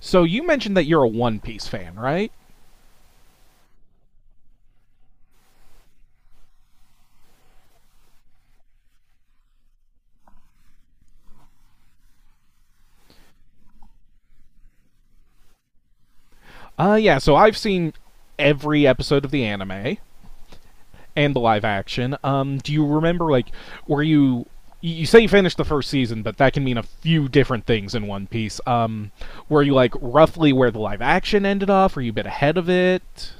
So you mentioned that you're a One Piece fan, right? Yeah. So I've seen every episode of the anime and the live action. Do you remember were you? You say you finished the first season, but that can mean a few different things in One Piece. Were you like roughly where the live action ended off? Were you a bit ahead of it?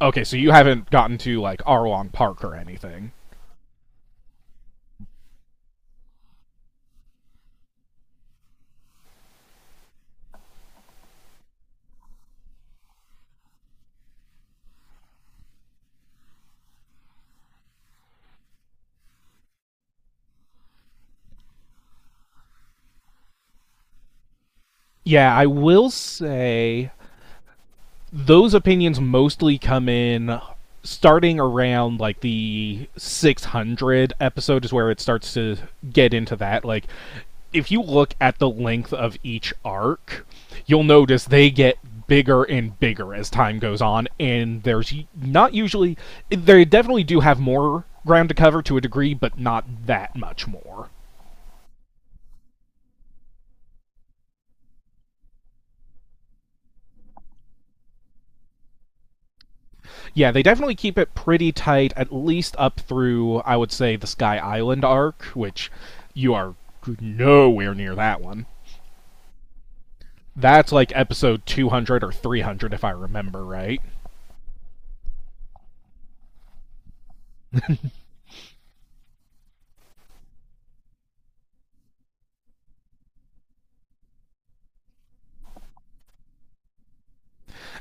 Okay, so you haven't gotten to like Arlong Park or anything. Yeah, I will say those opinions mostly come in starting around like the 600 episode is where it starts to get into that like if you look at the length of each arc you'll notice they get bigger and bigger as time goes on, and there's not usually, they definitely do have more ground to cover to a degree but not that much more. Yeah, they definitely keep it pretty tight, at least up through, I would say, the Sky Island arc, which you are nowhere near that one. That's like episode 200 or 300, if I remember right.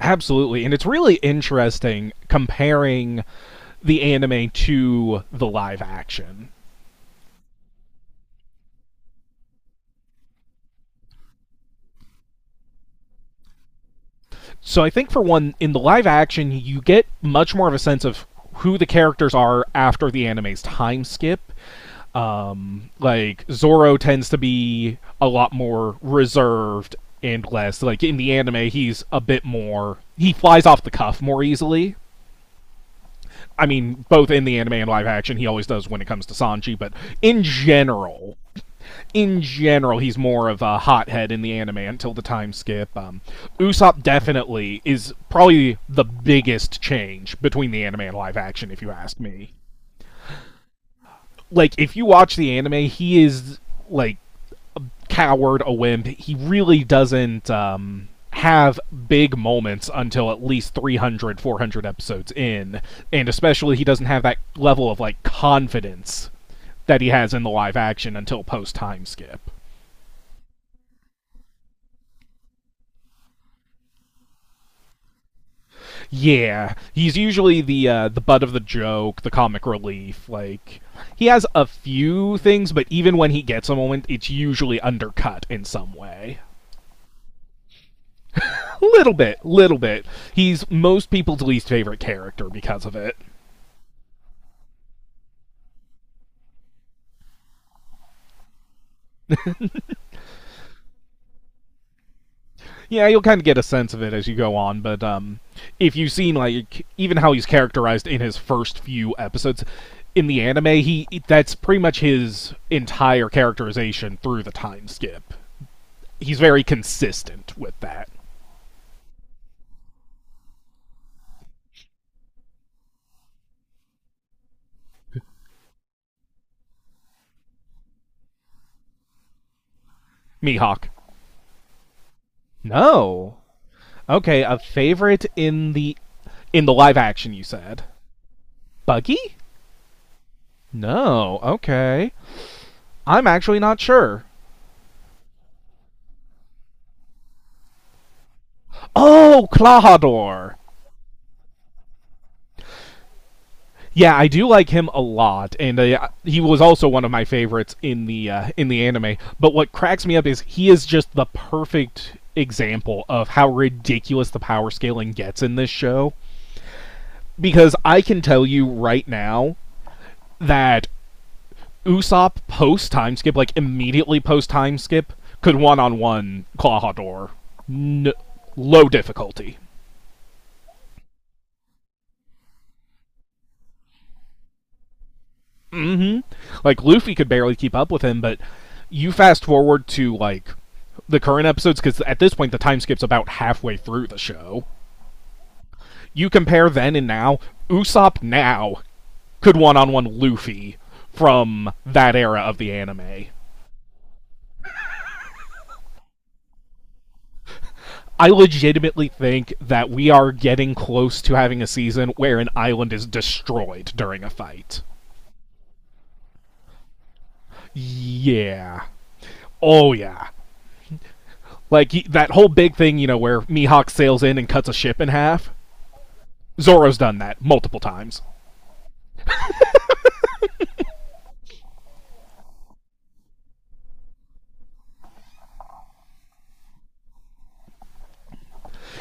Absolutely. And it's really interesting comparing the anime to the live action. So I think, for one, in the live action, you get much more of a sense of who the characters are after the anime's time skip. Like Zoro tends to be a lot more reserved and less like in the anime. He's a bit more. He flies off the cuff more easily. I mean, both in the anime and live action, he always does when it comes to Sanji. But in general, he's more of a hothead in the anime until the time skip. Usopp definitely is probably the biggest change between the anime and live action, if you ask me. Like, if you watch the anime, he is like coward, a wimp. He really doesn't have big moments until at least 300, 400 episodes in. And especially, he doesn't have that level of, like, confidence that he has in the live action until post time skip. Yeah, he's usually the butt of the joke, the comic relief. Like he has a few things, but even when he gets a moment, it's usually undercut in some way. Little bit, little bit. He's most people's least favorite character because of it. Yeah, you'll kind of get a sense of it as you go on, but if you've seen like even how he's characterized in his first few episodes in the anime, he that's pretty much his entire characterization through the time skip. He's very consistent with that. Mihawk. No. Okay, a favorite in the live action you said. Buggy? No. Okay. I'm actually not sure. Oh, Clahador. Yeah, I do like him a lot, and he was also one of my favorites in the anime. But what cracks me up is he is just the perfect example of how ridiculous the power scaling gets in this show. Because I can tell you right now that Usopp post time skip, like immediately post time skip, could one on one Claw Hador, no, low difficulty. Mm-hmm. Like Luffy could barely keep up with him, but you fast forward to like the current episodes because at this point the time skip's about halfway through the show. You compare then and now. Usopp now could one-on-one Luffy from that era of the anime. I legitimately think that we are getting close to having a season where an island is destroyed during a fight. Yeah. Oh yeah. Like that whole big thing, you know, where Mihawk sails in and cuts a ship in half. Zoro's done that multiple times.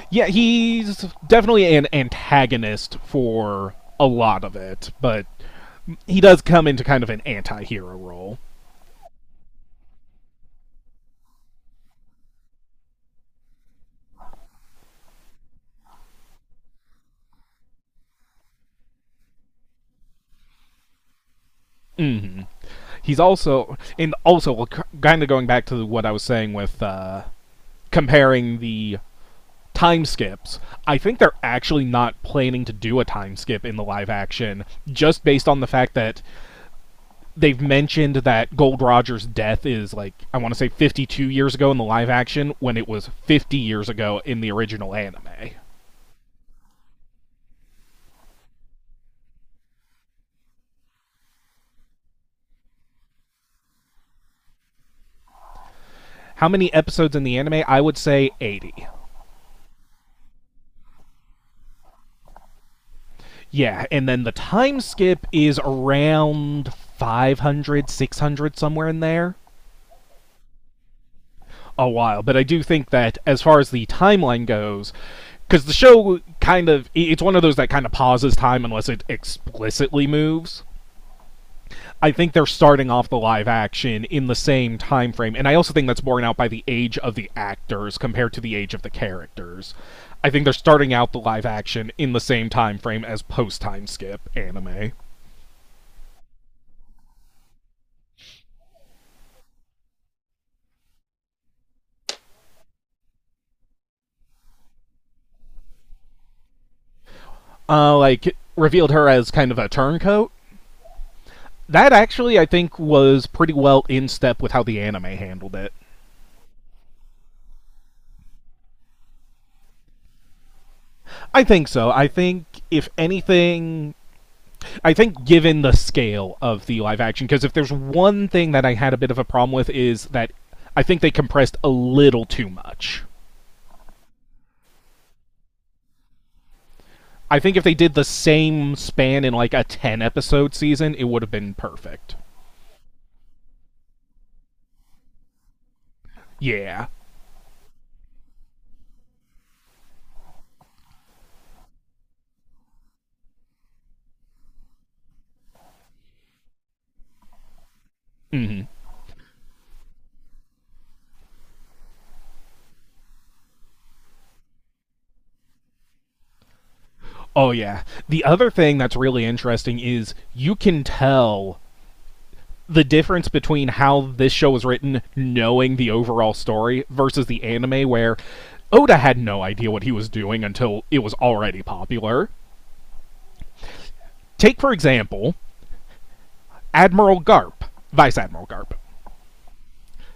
Yeah, he's definitely an antagonist for a lot of it, but he does come into kind of an anti-hero role. He's also and also kind of going back to what I was saying with comparing the time skips. I think they're actually not planning to do a time skip in the live action just based on the fact that they've mentioned that Gold Roger's death is like I want to say 52 years ago in the live action when it was 50 years ago in the original anime. How many episodes in the anime? I would say 80. Yeah, and then the time skip is around 500, 600, somewhere in there. A while, but I do think that as far as the timeline goes, because the show kind of, it's one of those that kind of pauses time unless it explicitly moves, I think they're starting off the live action in the same time frame, and I also think that's borne out by the age of the actors compared to the age of the characters. I think they're starting out the live action in the same time frame as post time skip anime. Like revealed her as kind of a turncoat. That actually, I think, was pretty well in step with how the anime handled it. I think so. I think if anything, I think given the scale of the live action, because if there's one thing that I had a bit of a problem with is that I think they compressed a little too much. I think if they did the same span in like a 10 episode season, it would have been perfect. Yeah. Oh, yeah. The other thing that's really interesting is you can tell the difference between how this show was written, knowing the overall story, versus the anime, where Oda had no idea what he was doing until it was already popular. Take, for example, Admiral Garp, Vice Admiral Garp.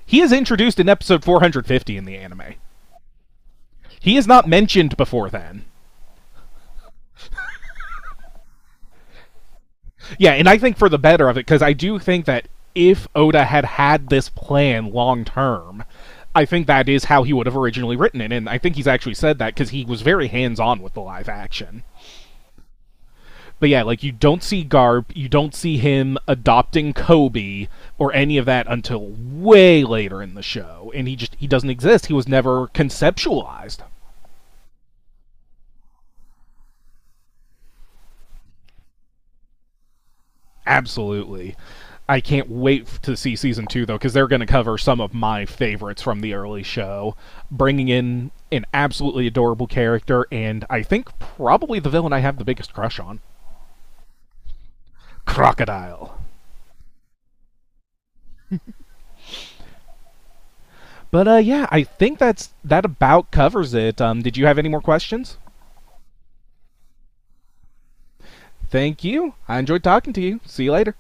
He is introduced in episode 450 in the anime. He is not mentioned before then. Yeah, and I think for the better of it, because I do think that if Oda had had this plan long term, I think that is how he would have originally written it, and I think he's actually said that because he was very hands on with the live action. But yeah, like you don't see Garp, you don't see him adopting Kobe or any of that until way later in the show, and he just he doesn't exist. He was never conceptualized. Absolutely. I can't wait to see season 2 though, because they're going to cover some of my favorites from the early show, bringing in an absolutely adorable character, and I think probably the villain I have the biggest crush on, Crocodile. But yeah, I think that's that about covers it. Did you have any more questions? Thank you. I enjoyed talking to you. See you later.